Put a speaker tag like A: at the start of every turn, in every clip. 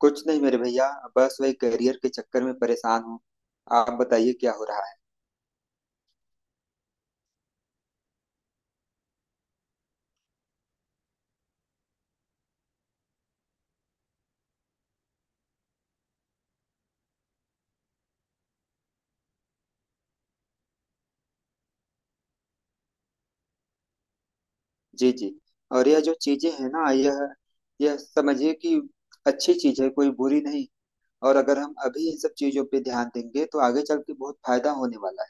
A: कुछ नहीं मेरे भैया। बस वही करियर के चक्कर में परेशान हूँ। आप बताइए क्या हो रहा है। जी जी। और यह जो चीजें हैं ना, यह समझिए कि अच्छी चीज है, कोई बुरी नहीं। और अगर हम अभी इन सब चीजों पे ध्यान देंगे तो आगे चल के बहुत फायदा होने वाला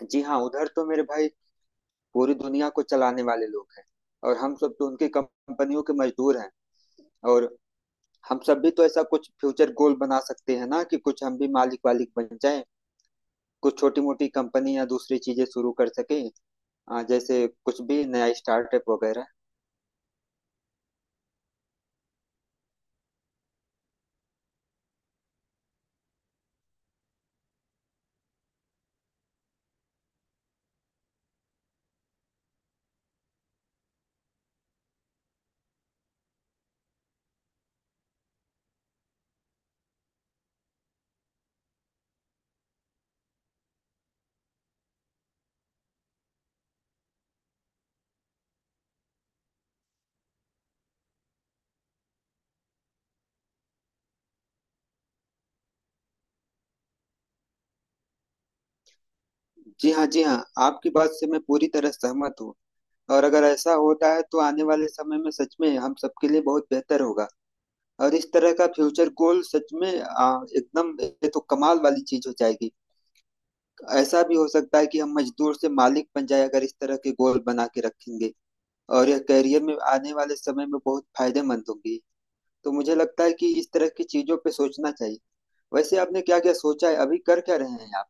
A: है। जी हाँ, उधर तो मेरे भाई पूरी दुनिया को चलाने वाले लोग हैं। और हम सब तो उनकी कंपनियों के मजदूर हैं। और हम सब भी तो ऐसा कुछ फ्यूचर गोल बना सकते हैं ना, कि कुछ हम भी मालिक वालिक बन जाएं। कुछ छोटी मोटी कंपनी या दूसरी चीजें शुरू कर सके। जैसे कुछ भी नया स्टार्टअप वगैरह। जी हाँ, जी हाँ, आपकी बात से मैं पूरी तरह सहमत हूँ। और अगर ऐसा होता है तो आने वाले समय में सच में हम सबके लिए बहुत बेहतर होगा। और इस तरह का फ्यूचर गोल सच में एकदम, ये तो कमाल वाली चीज हो जाएगी। ऐसा भी हो सकता है कि हम मजदूर से मालिक बन जाए अगर इस तरह के गोल बना के रखेंगे। और यह करियर में आने वाले समय में बहुत फायदेमंद होंगी। तो मुझे लगता है कि इस तरह की चीजों पे सोचना चाहिए। वैसे आपने क्या क्या सोचा है, अभी कर क्या रहे हैं आप?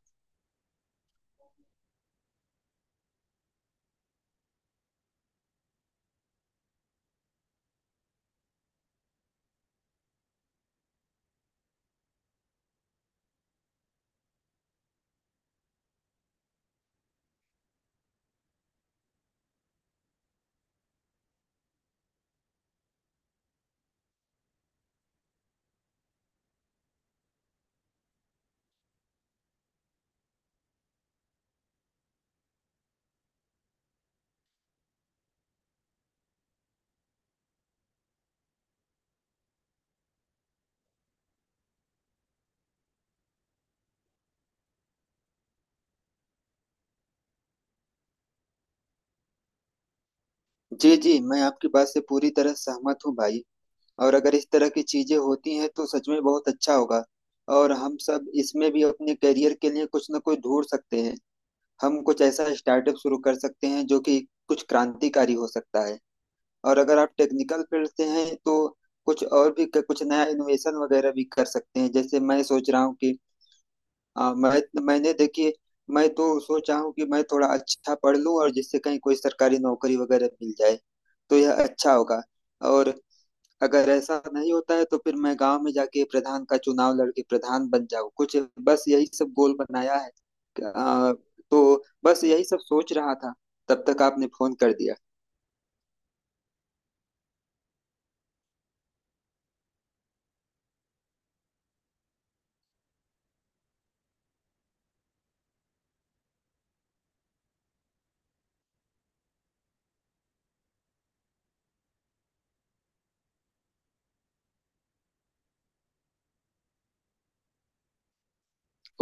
A: जी जी, मैं आपकी बात से पूरी तरह सहमत हूँ भाई। और अगर इस तरह की चीजें होती हैं तो सच में बहुत अच्छा होगा। और हम सब इसमें भी अपने करियर के लिए कुछ ना कुछ ढूंढ सकते हैं। हम कुछ ऐसा स्टार्टअप शुरू कर सकते हैं जो कि कुछ क्रांतिकारी हो सकता है। और अगर आप टेक्निकल फील्ड से हैं तो कुछ और भी कुछ नया इनोवेशन वगैरह भी कर सकते हैं। जैसे मैं सोच रहा हूँ कि हाँ, मैं मैंने देखिए, मैं तो सोचा हूँ कि मैं थोड़ा अच्छा पढ़ लूँ और जिससे कहीं कोई सरकारी नौकरी वगैरह मिल जाए तो यह अच्छा होगा। और अगर ऐसा नहीं होता है तो फिर मैं गांव में जाके प्रधान का चुनाव लड़के प्रधान बन जाऊँ कुछ। बस यही सब गोल बनाया है। आ, तो बस यही सब सोच रहा था, तब तक आपने फोन कर दिया।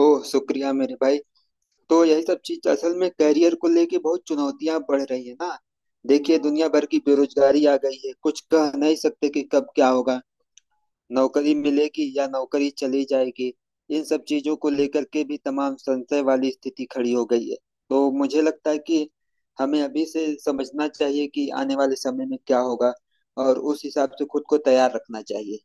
A: ओह शुक्रिया मेरे भाई। तो यही सब चीज असल में करियर को लेके बहुत चुनौतियां बढ़ रही है ना। देखिए, दुनिया भर की बेरोजगारी आ गई है। कुछ कह नहीं सकते कि कब क्या होगा, नौकरी मिलेगी या नौकरी चली जाएगी। इन सब चीजों को लेकर के भी तमाम संशय वाली स्थिति खड़ी हो गई है। तो मुझे लगता है कि हमें अभी से समझना चाहिए कि आने वाले समय में क्या होगा, और उस हिसाब से खुद को तैयार रखना चाहिए।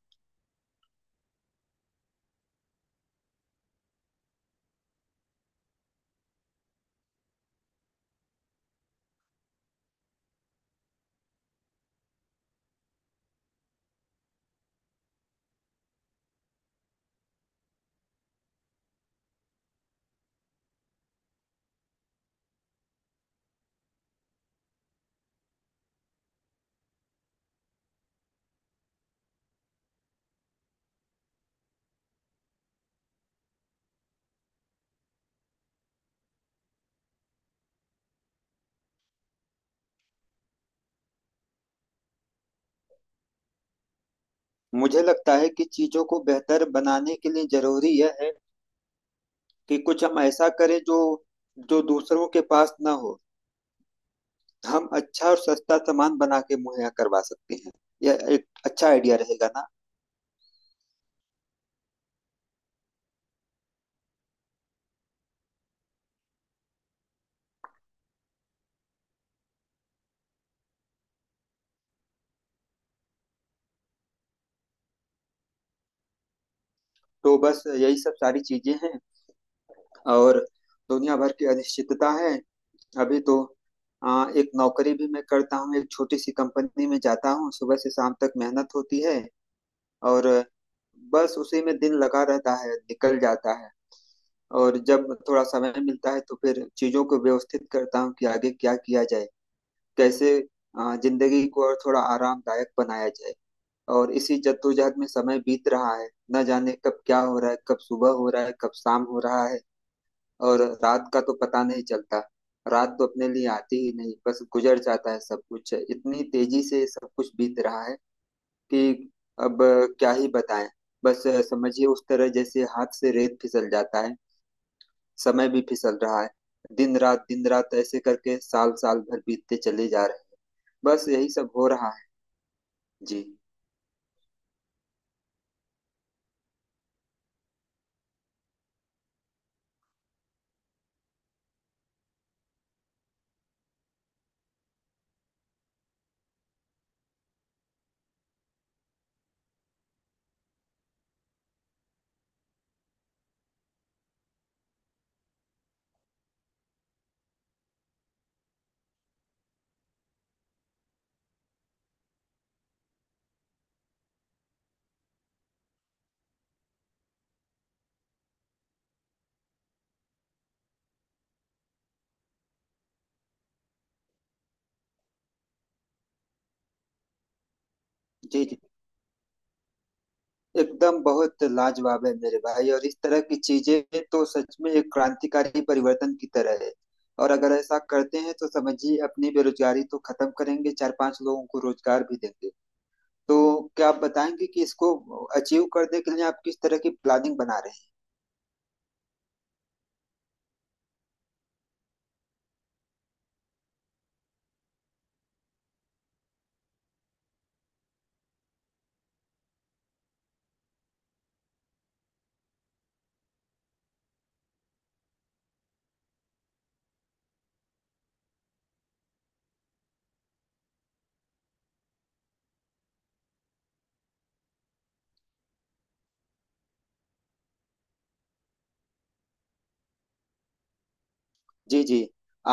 A: मुझे लगता है कि चीजों को बेहतर बनाने के लिए जरूरी यह है कि कुछ हम ऐसा करें जो जो दूसरों के पास ना हो। हम अच्छा और सस्ता सामान बना के मुहैया करवा सकते हैं। यह एक अच्छा आइडिया रहेगा ना। तो बस यही सब सारी चीजें हैं। और दुनिया भर की अनिश्चितता है। अभी तो एक नौकरी भी मैं करता हूँ, एक छोटी सी कंपनी में जाता हूँ, सुबह से शाम तक मेहनत होती है। और बस उसी में दिन लगा रहता है, निकल जाता है। और जब थोड़ा समय मिलता है तो फिर चीजों को व्यवस्थित करता हूँ कि आगे क्या किया जाए, कैसे जिंदगी को और थोड़ा आरामदायक बनाया जाए। और इसी जद्दोजहद में समय बीत रहा है। न जाने कब क्या हो रहा है, कब सुबह हो रहा है, कब शाम हो रहा है, और रात का तो पता नहीं चलता। रात तो अपने लिए आती ही नहीं, बस गुजर जाता है। सब कुछ इतनी तेजी से सब कुछ बीत रहा है कि अब क्या ही बताएं। बस समझिए उस तरह जैसे हाथ से रेत फिसल जाता है, समय भी फिसल रहा है। दिन रात ऐसे करके साल साल भर बीतते चले जा रहे हैं। बस यही सब हो रहा है। जी। जी। जी, एकदम बहुत लाजवाब है मेरे भाई। और इस तरह की चीजें तो सच में एक क्रांतिकारी परिवर्तन की तरह है। और अगर ऐसा करते हैं तो समझिए अपनी बेरोजगारी तो खत्म करेंगे, चार पांच लोगों को रोजगार भी देंगे। तो क्या आप बताएंगे कि इसको अचीव करने के लिए आप किस तरह की प्लानिंग बना रहे हैं? जी जी,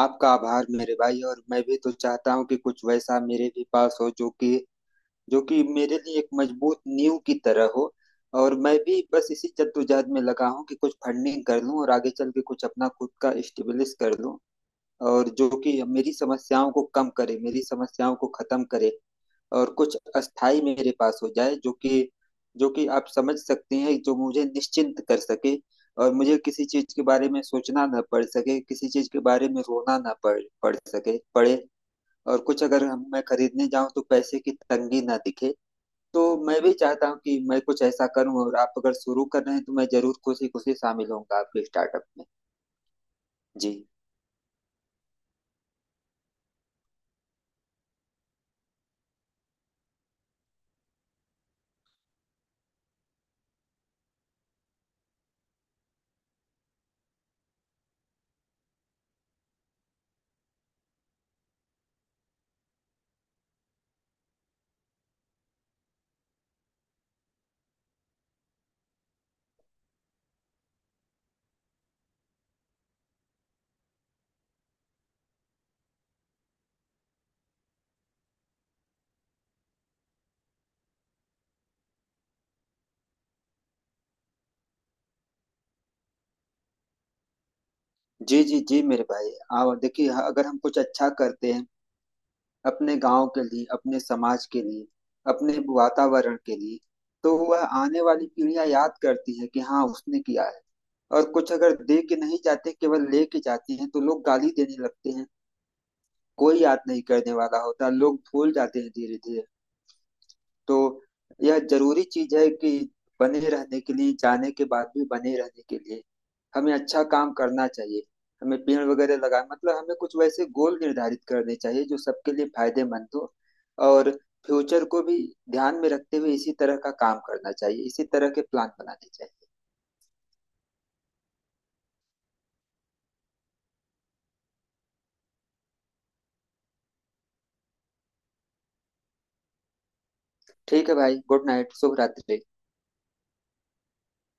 A: आपका आभार मेरे भाई। और मैं भी तो चाहता हूँ कि कुछ वैसा मेरे भी पास हो जो कि मेरे लिए एक मजबूत नींव की तरह हो। और मैं भी बस इसी जद्दोजहद में लगा हूँ कि कुछ फंडिंग कर लूँ और आगे चल के कुछ अपना खुद का स्टेब्लिश कर लूँ, और जो कि मेरी समस्याओं को कम करे, मेरी समस्याओं को खत्म करे। और कुछ अस्थाई मेरे पास हो जाए जो कि आप समझ सकते हैं, जो मुझे निश्चिंत कर सके, और मुझे किसी चीज के बारे में सोचना ना पड़ सके, किसी चीज के बारे में रोना ना पड़ पड़ सके पड़े। और कुछ अगर हम मैं खरीदने जाऊं तो पैसे की तंगी ना दिखे। तो मैं भी चाहता हूँ कि मैं कुछ ऐसा करूँ, और आप अगर शुरू कर रहे हैं तो मैं जरूर खुशी खुशी शामिल होऊंगा आपके स्टार्टअप में। जी। जी जी जी मेरे भाई। आओ देखिए हाँ, अगर हम कुछ अच्छा करते हैं अपने गांव के लिए, अपने समाज के लिए, अपने वातावरण के लिए, तो वह आने वाली पीढ़ियां याद करती है कि हाँ, उसने किया है। और कुछ अगर दे के नहीं जाते, केवल ले के जाते हैं, तो लोग गाली देने लगते हैं। कोई याद नहीं करने वाला होता, लोग भूल जाते हैं धीरे धीरे। तो यह जरूरी चीज है कि बने रहने के लिए, जाने के बाद भी बने रहने के लिए, हमें अच्छा काम करना चाहिए। हमें पेड़ वगैरह लगा मतलब हमें कुछ वैसे गोल निर्धारित करने चाहिए जो सबके लिए फायदेमंद हो। और फ्यूचर को भी ध्यान में रखते हुए इसी तरह का काम करना चाहिए, इसी तरह के प्लान बनाने चाहिए। ठीक है भाई, गुड नाइट, शुभ रात्रि।